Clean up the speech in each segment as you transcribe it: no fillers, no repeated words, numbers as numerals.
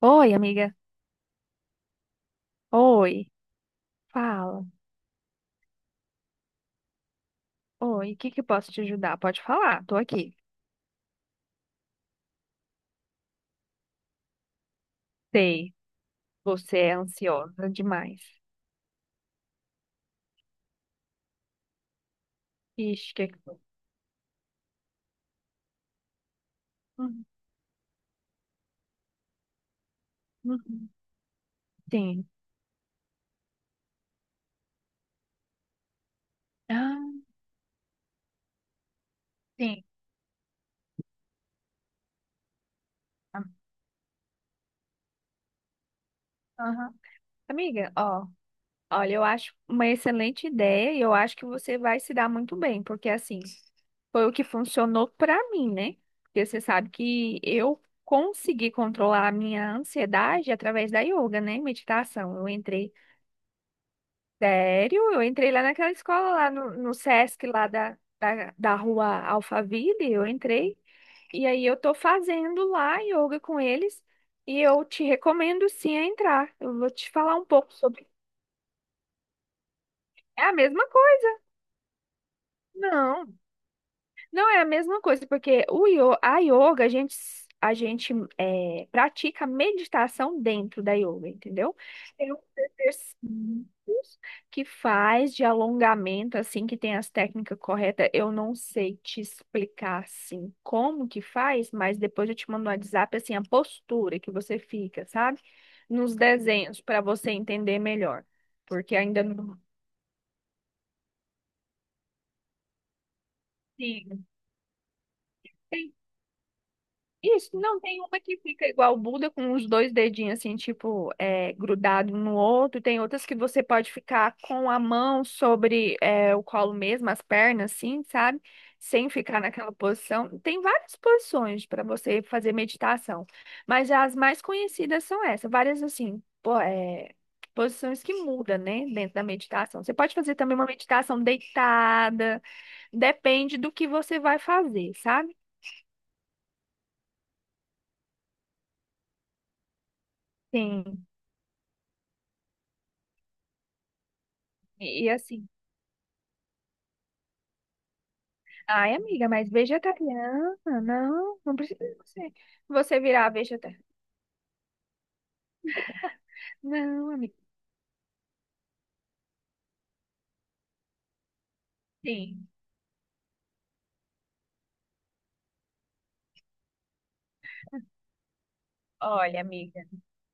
Oi, amiga. Oi, fala. Oi, o que que eu posso te ajudar? Pode falar, tô aqui. Sei, você é ansiosa demais. Ixi, que foi? Uhum, uhum. Sim. Ah, sim. Ah, aham. Amiga, ó, olha, eu acho uma excelente ideia e eu acho que você vai se dar muito bem, porque assim, foi o que funcionou pra mim, né? Porque você sabe que eu consegui controlar a minha ansiedade através da yoga, né? Meditação. Eu entrei. Sério? Eu entrei lá naquela escola, lá no Sesc, lá da rua Alphaville, eu entrei. E aí eu tô fazendo lá yoga com eles. E eu te recomendo sim a entrar. Eu vou te falar um pouco sobre. É a mesma coisa. Não. Não, é a mesma coisa, porque a yoga, a gente, a gente pratica meditação dentro da yoga, entendeu? Tem uns exercícios que faz de alongamento, assim, que tem as técnicas corretas. Eu não sei te explicar, assim, como que faz, mas depois eu te mando no WhatsApp, assim, a postura que você fica, sabe? Nos desenhos, para você entender melhor, porque ainda não... Sim. Isso, não, tem uma que fica igual o Buda, com os dois dedinhos assim, tipo, grudado um no outro. Tem outras que você pode ficar com a mão sobre o colo mesmo, as pernas, assim, sabe? Sem ficar naquela posição. Tem várias posições para você fazer meditação, mas as mais conhecidas são essas, várias assim, posições que mudam, né, dentro da meditação. Você pode fazer também uma meditação deitada, depende do que você vai fazer, sabe? Sim. E assim, ai, amiga, mas vegetariana? Não, não precisa você, você virar vegetariana. Não, amiga. Sim, olha, amiga,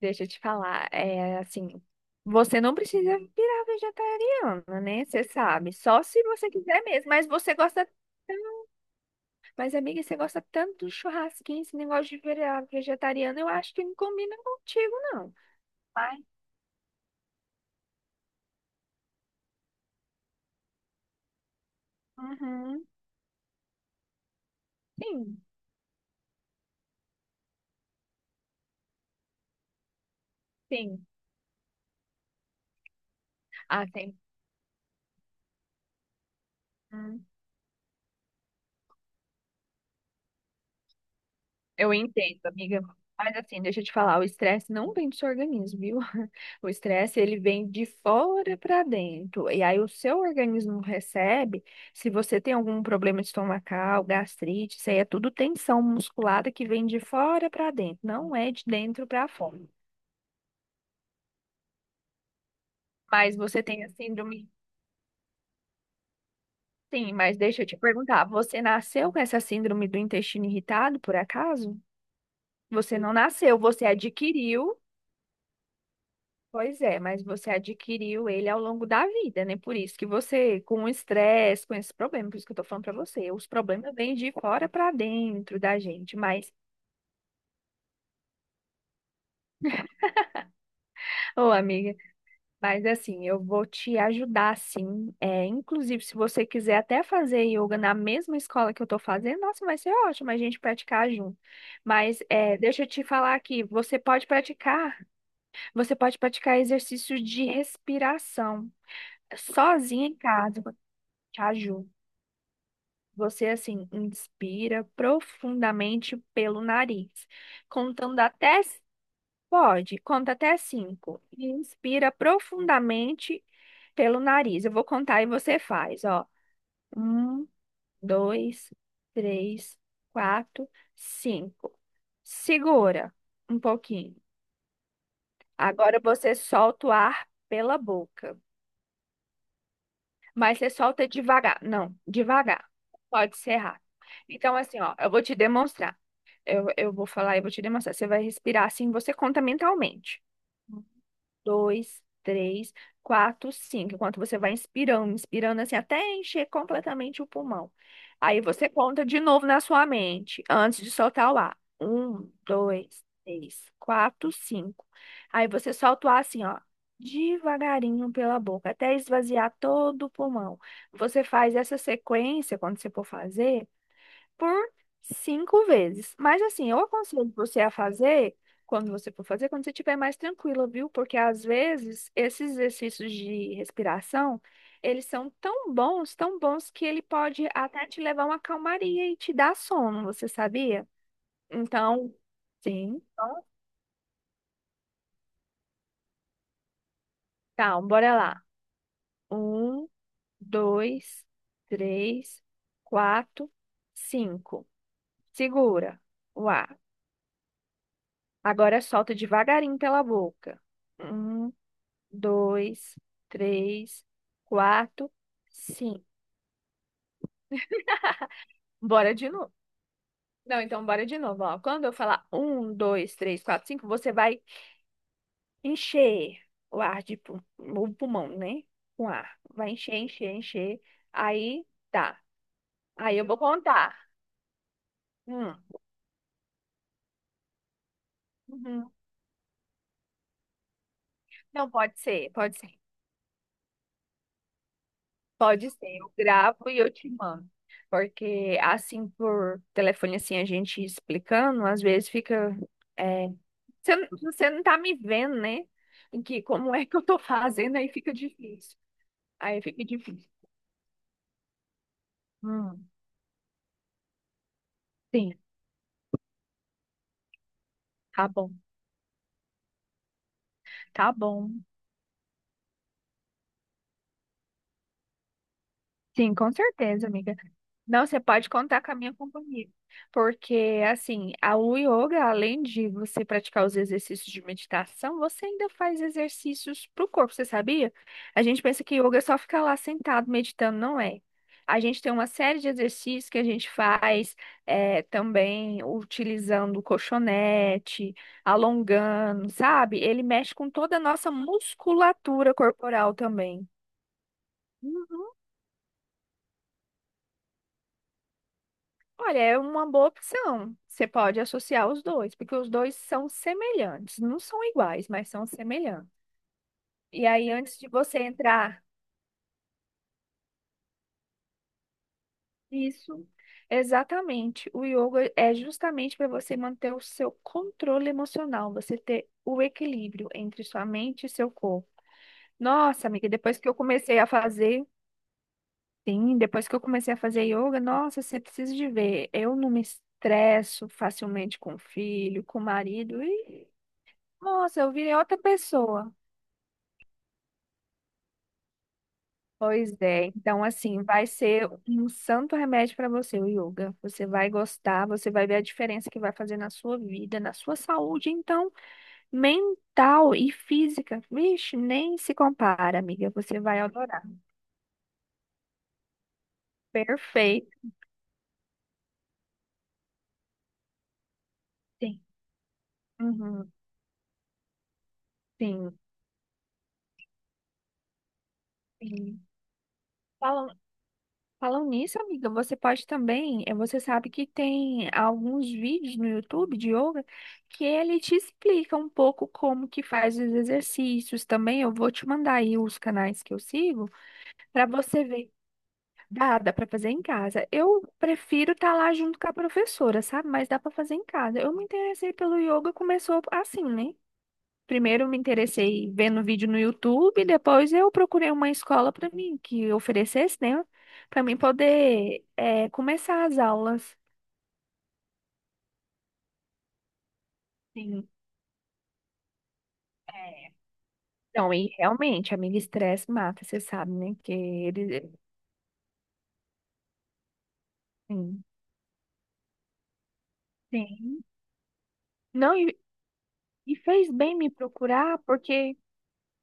deixa eu te falar. É assim, você não precisa virar vegetariana, né? Você sabe, só se você quiser mesmo. Mas você gosta tanto. Mas, amiga, você gosta tanto do churrasquinho, esse negócio de virar vegetariana, eu acho que não combina contigo, não. Mas, uhum, sim, sim. Ah, tem. Eu entendo, amiga. Mas assim, deixa eu te falar, o estresse não vem do seu organismo, viu? O estresse, ele vem de fora para dentro. E aí o seu organismo recebe, se você tem algum problema estomacal, gastrite, isso aí é tudo tensão musculada que vem de fora para dentro, não é de dentro para fora. Mas você tem a síndrome, sim, mas deixa eu te perguntar, você nasceu com essa síndrome do intestino irritado, por acaso? Você não nasceu, você adquiriu. Pois é, mas você adquiriu ele ao longo da vida, né? Por isso que você, com o estresse, com esse problema, por isso que eu tô falando pra você, os problemas vêm de fora pra dentro da gente, mas, ô amiga, mas assim, eu vou te ajudar sim, inclusive se você quiser até fazer yoga na mesma escola que eu tô fazendo, nossa, vai ser ótimo a gente praticar junto, mas deixa eu te falar aqui, você pode praticar exercícios de respiração, sozinha em casa, te ajuda. Você, assim, inspira profundamente pelo nariz, contando até... Pode, conta até cinco. E inspira profundamente pelo nariz. Eu vou contar e você faz, ó. Um, dois, três, quatro, cinco. Segura um pouquinho. Agora você solta o ar pela boca, mas você solta devagar. Não, devagar. Pode ser rápido. Então, assim, ó, eu vou te demonstrar. Eu vou falar e vou te demonstrar. Você vai respirar assim, você conta mentalmente. Um, dois, três, quatro, cinco. Enquanto você vai inspirando, inspirando assim, até encher completamente o pulmão. Aí você conta de novo na sua mente, antes de soltar o ar. Um, dois, três, quatro, cinco. Aí você solta o ar assim, ó, devagarinho pela boca, até esvaziar todo o pulmão. Você faz essa sequência quando você for fazer por cinco vezes. Mas assim, eu aconselho você a fazer quando você for fazer, quando você estiver mais tranquila, viu? Porque às vezes esses exercícios de respiração, eles são tão bons que ele pode até te levar a uma calmaria e te dar sono, você sabia? Então, sim. Tá, bora lá. Um, dois, três, quatro, cinco. Segura o ar. Agora solta devagarinho pela boca. Um, dois, três, quatro, cinco. Bora de novo. Não, então bora de novo, ó. Quando eu falar um, dois, três, quatro, cinco, você vai encher o ar o pulmão, né? Com ar. Vai encher, encher, encher. Aí tá. Aí eu vou contar. Hum, uhum. Não, pode ser, pode ser. Pode ser. Eu gravo e eu te mando. Porque assim, por telefone, assim, a gente explicando, às vezes fica é, você, você não tá me vendo, né? Em que como é que eu tô fazendo, aí fica difícil. Aí fica difícil. Hum, sim, tá bom. Tá bom. Sim, com certeza, amiga. Não, você pode contar com a minha companhia. Porque, assim, o yoga, além de você praticar os exercícios de meditação, você ainda faz exercícios para o corpo, você sabia? A gente pensa que yoga é só ficar lá sentado meditando, não é? A gente tem uma série de exercícios que a gente faz também utilizando colchonete, alongando, sabe? Ele mexe com toda a nossa musculatura corporal também. Olha, é uma boa opção. Você pode associar os dois, porque os dois são semelhantes. Não são iguais, mas são semelhantes. E aí, antes de você entrar, isso, exatamente. O yoga é justamente para você manter o seu controle emocional, você ter o equilíbrio entre sua mente e seu corpo. Nossa, amiga, depois que eu comecei a fazer, sim, depois que eu comecei a fazer yoga, nossa, você precisa de ver. Eu não me estresso facilmente com o filho, com o marido. E nossa, eu virei outra pessoa. Pois é, então assim, vai ser um santo remédio para você, o yoga. Você vai gostar, você vai ver a diferença que vai fazer na sua vida, na sua saúde, então, mental e física. Vixe, nem se compara, amiga. Você vai adorar. Perfeito. Sim. Uhum. Sim. Sim. Fala. Falam nisso, amiga, você pode também, você sabe que tem alguns vídeos no YouTube de yoga que ele te explica um pouco como que faz os exercícios também. Eu vou te mandar aí os canais que eu sigo para você ver. Dá, dá para fazer em casa. Eu prefiro estar lá junto com a professora, sabe? Mas dá para fazer em casa. Eu me interessei pelo yoga, começou assim, né? Primeiro me interessei vendo vídeo no YouTube, depois eu procurei uma escola para mim que oferecesse, né, para mim poder começar as aulas. Sim, é, não, e realmente, amiga, estresse mata, você sabe, né? Que ele, sim, sim, não, e fez bem me procurar, porque.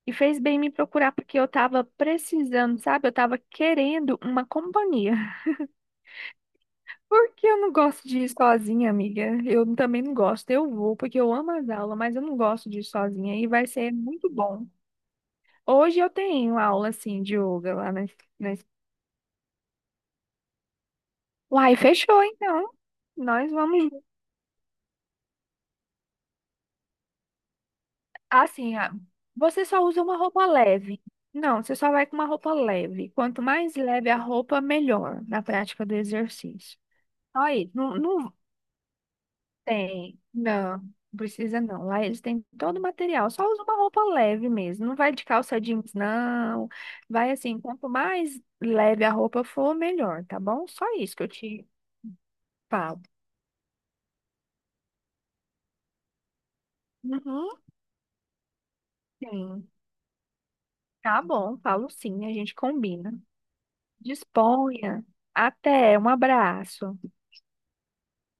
E fez bem me procurar, porque eu tava precisando, sabe? Eu tava querendo uma companhia. Por que eu não gosto de ir sozinha, amiga? Eu também não gosto. Eu vou porque eu amo as aulas, mas eu não gosto de ir sozinha e vai ser muito bom. Hoje eu tenho aula assim de yoga lá na, na... Uai, fechou então. Nós vamos assim, ah, você só usa uma roupa leve. Não, você só vai com uma roupa leve. Quanto mais leve a roupa, melhor na prática do exercício. Aí, não, não, tem. Não, precisa não. Lá eles têm todo o material. Só usa uma roupa leve mesmo. Não vai de calça jeans, não. Vai assim, quanto mais leve a roupa for, melhor, tá bom? Só isso que eu te falo. Uhum, sim. Tá bom, falo sim, a gente combina. Disponha. Até, um abraço.